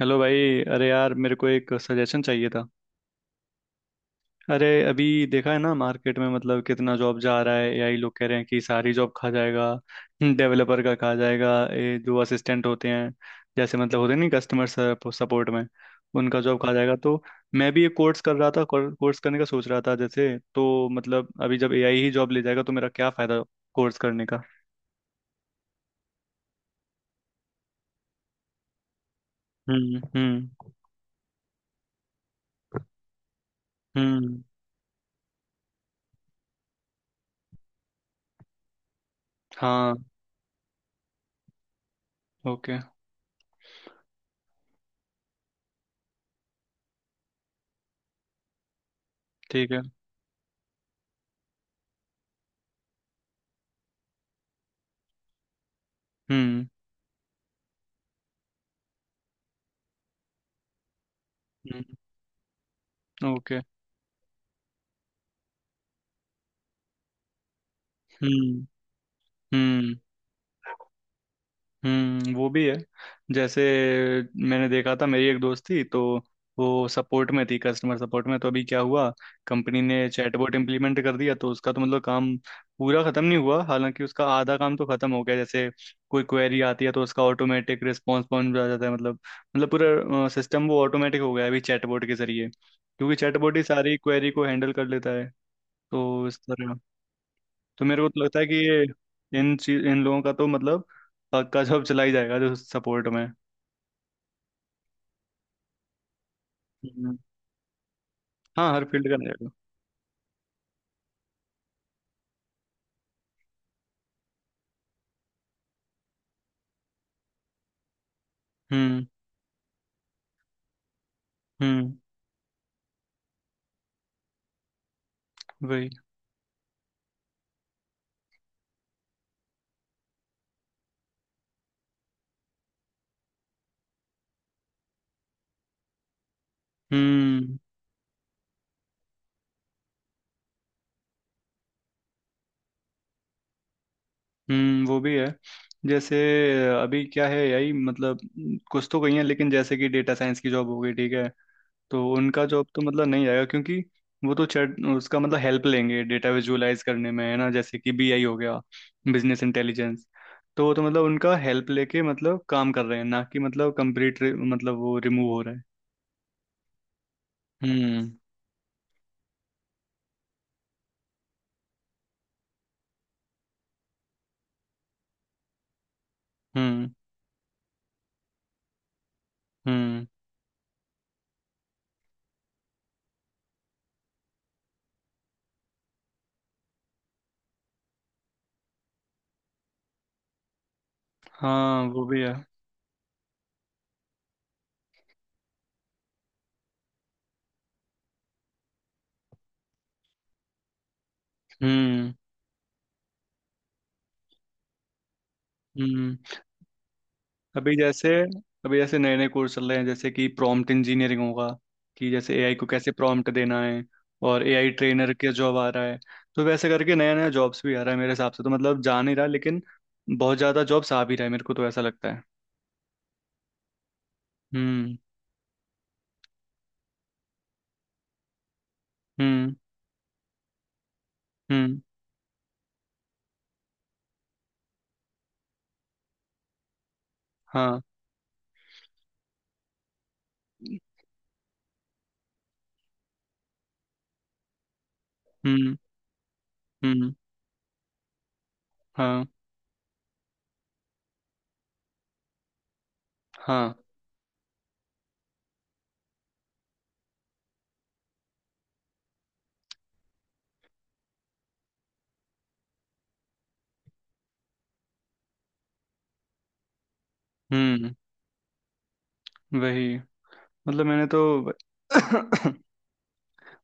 Hello भाई। अरे यार मेरे को एक सजेशन चाहिए था। अरे अभी देखा है ना मार्केट में मतलब कितना जॉब जा रहा है। एआई, लोग कह रहे हैं कि सारी जॉब खा जाएगा, डेवलपर का खा जाएगा, ये जो असिस्टेंट होते हैं जैसे मतलब होते नहीं कस्टमर सपोर्ट में, उनका जॉब खा जाएगा। तो मैं भी एक कोर्स कर रहा था, कोर्स करने का सोच रहा था जैसे, तो मतलब अभी जब एआई ही जॉब ले जाएगा तो मेरा क्या फायदा कोर्स करने का। हम्म। हम्म। हाँ। ओके। ठीक है। हम्म। हम्म, ओके। हम्म। हम्म। हम्म, वो भी है। जैसे मैंने देखा था मेरी एक दोस्त थी, तो वो सपोर्ट में थी, कस्टमर सपोर्ट में। तो अभी क्या हुआ, कंपनी ने चैटबॉट इम्प्लीमेंट कर दिया, तो उसका तो मतलब काम पूरा खत्म नहीं हुआ, हालांकि उसका आधा काम तो खत्म हो गया। जैसे कोई क्वेरी आती है तो उसका ऑटोमेटिक रिस्पॉन्स पहुंच जाता है मतलब, मतलब पूरा सिस्टम वो ऑटोमेटिक हो गया है अभी चैटबॉट के जरिए, क्योंकि चैटबॉट ही सारी क्वेरी को हैंडल कर लेता है। तो इस तरह। तो मेरे को तो लगता है कि ये इन चीज इन लोगों का तो मतलब पक्का जॉब चला ही जाएगा जो सपोर्ट में। हम्म। हाँ हर फील्ड का रहेगा। हम्म। हम्म। वही। हम्म। हम्म, वो भी है। जैसे अभी क्या है, यही मतलब कुछ तो कही है, लेकिन जैसे कि डेटा साइंस की जॉब हो गई, ठीक है, तो उनका जॉब तो मतलब नहीं आएगा क्योंकि वो तो चैट उसका मतलब हेल्प लेंगे डेटा विजुअलाइज करने में है ना, जैसे कि बीआई हो गया, बिजनेस इंटेलिजेंस। तो वो तो मतलब उनका हेल्प लेके मतलब काम कर रहे हैं ना, कि मतलब कंप्लीट मतलब वो रिमूव हो रहा है। हम्म। हम्म। हम्म। हाँ वो भी है। हम्म। हम्म। अभी जैसे, अभी जैसे नए नए कोर्स चल रहे हैं, जैसे कि प्रॉम्प्ट इंजीनियरिंग होगा, कि जैसे एआई को कैसे प्रॉम्प्ट देना है, और एआई ट्रेनर के जॉब आ रहा है। तो वैसे करके नया नया जॉब्स भी आ रहा है मेरे हिसाब से, तो मतलब जा नहीं रहा, लेकिन बहुत ज़्यादा जॉब्स आ भी रहा है, मेरे को तो ऐसा लगता है। हम्म। हम्म। हम्म। हाँ। हम्म। हम्म। हाँ। हाँ। हम्म। वही, मतलब मैंने तो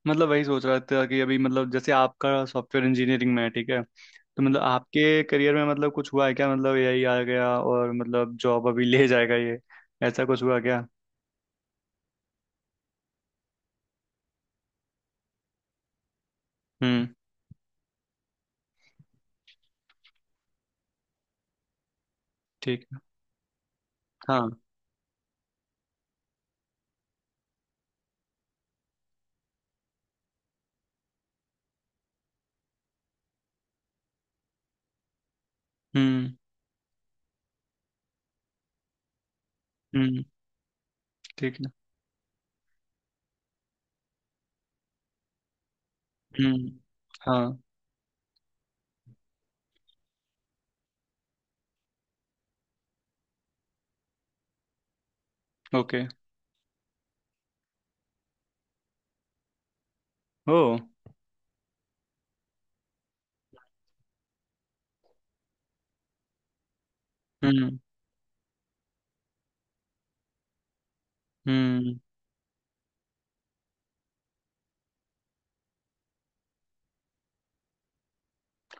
मतलब वही सोच रहा था कि अभी मतलब जैसे आपका सॉफ्टवेयर इंजीनियरिंग में है ठीक है, तो मतलब आपके करियर में मतलब कुछ हुआ है क्या, मतलब यही आ गया और मतलब जॉब अभी ले जाएगा ये, ऐसा कुछ हुआ क्या। हम्म। ठीक है। हाँ। हम्म। हम्म। ठीक है। हम्म। हाँ। ओके। ओ। हम्म। हम्म।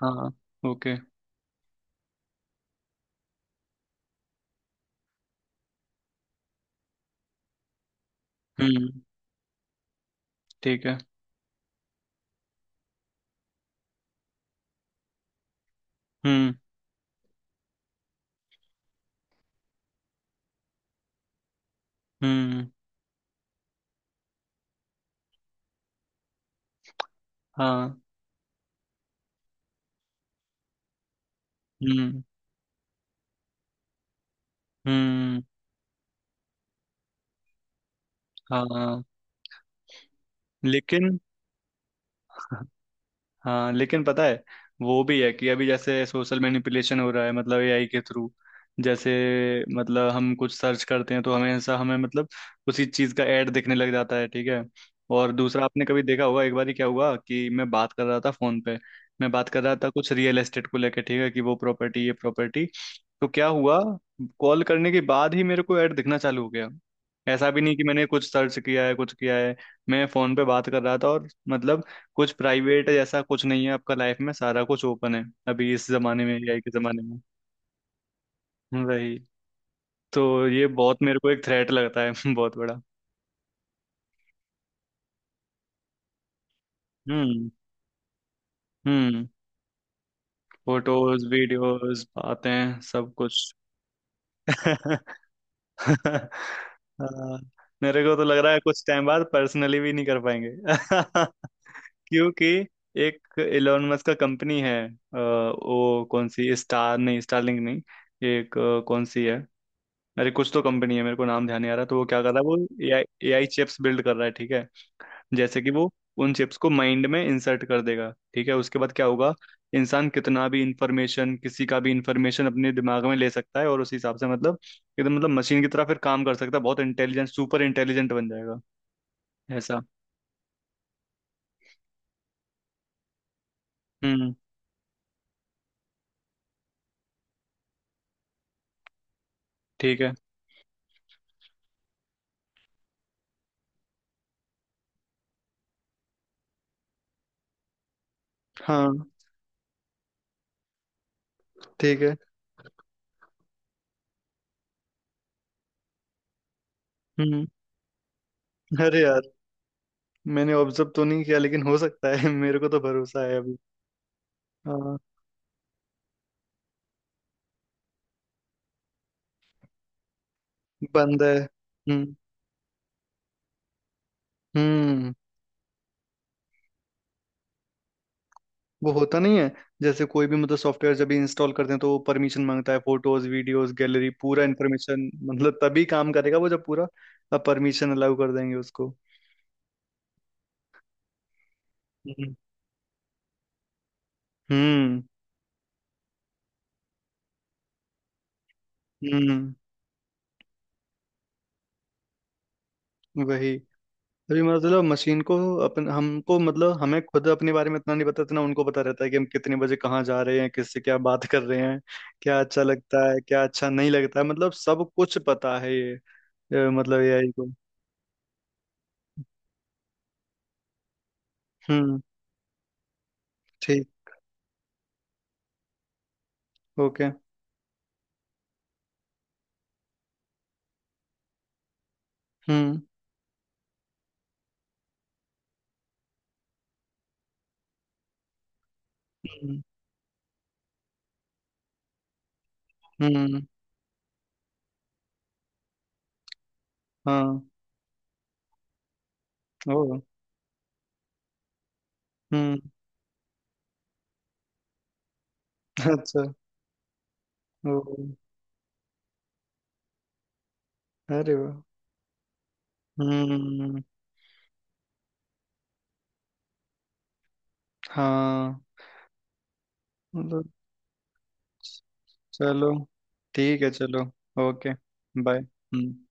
हाँ। ओके। हम्म। ठीक है। हम्म। हम्म। हाँ। हम्म। हम्म। हाँ लेकिन हाँ लेकिन पता है, वो भी है कि अभी जैसे सोशल मैनिपुलेशन हो रहा है मतलब एआई के थ्रू, जैसे, मतलब हम कुछ सर्च करते हैं तो हमेशा हमें मतलब उसी चीज़ का ऐड दिखने लग जाता है, ठीक है। और दूसरा आपने कभी देखा होगा, एक बार ही क्या हुआ कि मैं बात कर रहा था फोन पे, मैं बात कर रहा था कुछ रियल एस्टेट को लेके, ठीक है, कि वो प्रॉपर्टी ये प्रॉपर्टी। तो क्या हुआ, कॉल करने के बाद ही मेरे को ऐड दिखना चालू हो गया। ऐसा भी नहीं कि मैंने कुछ सर्च किया है कुछ किया है, मैं फोन पे बात कर रहा था। और मतलब कुछ प्राइवेट जैसा कुछ नहीं है, आपका लाइफ में सारा कुछ ओपन है अभी, इस जमाने में, एआई के जमाने में। वही। तो ये बहुत मेरे को एक थ्रेट लगता है बहुत बड़ा। हम्म। हम्म। फोटोज वीडियोस बातें सब कुछ। हाँ, मेरे को तो लग रहा है कुछ टाइम बाद पर्सनली भी नहीं कर पाएंगे क्योंकि एक इलोन मस्क का कंपनी है, वो कौन सी, स्टार नहीं, स्टारलिंक नहीं, एक कौन सी है, अरे कुछ तो कंपनी है मेरे को नाम ध्यान नहीं आ रहा। तो वो क्या कर रहा है वो, एआई, एआई चिप्स बिल्ड कर रहा है, ठीक है। जैसे कि वो उन चिप्स को माइंड में इंसर्ट कर देगा ठीक है, उसके बाद क्या होगा, इंसान कितना भी इंफॉर्मेशन, किसी का भी इंफॉर्मेशन अपने दिमाग में ले सकता है और उस हिसाब से मतलब एकदम मतलब मशीन की तरह फिर काम कर सकता है, बहुत इंटेलिजेंट, सुपर इंटेलिजेंट बन जाएगा, ऐसा। हम्म। ठीक है। हाँ। ठीक है। हम्म। अरे यार, मैंने ऑब्जर्व तो नहीं किया लेकिन हो सकता है मेरे को तो भरोसा है अभी। हाँ। बंद है हम्म। हम्म। वो होता नहीं है, जैसे कोई भी मतलब सॉफ्टवेयर जब इंस्टॉल करते हैं तो वो परमिशन मांगता है, फोटोज वीडियोस गैलरी पूरा इन्फॉर्मेशन, मतलब तभी काम करेगा वो जब पूरा परमिशन अलाउ कर देंगे उसको। हम्म। हम्म। हम्म, वही। अभी मतलब मशीन को, अपन हमको मतलब हमें खुद अपने बारे में इतना नहीं पता, इतना उनको पता रहता है कि हम कितने बजे कहाँ जा रहे हैं, किससे क्या बात कर रहे हैं, क्या अच्छा लगता है क्या अच्छा नहीं लगता है, मतलब सब कुछ पता है ये, मतलब एआई को। हम्म। ठीक। ओके। हम्म। हम्म। हम्म। हाँ। ओ। हम्म। अच्छा। ओ। अरे वाह। हम्म। हाँ। मतलब, चलो। ठीक है चलो। ओके। बाय। हम्म।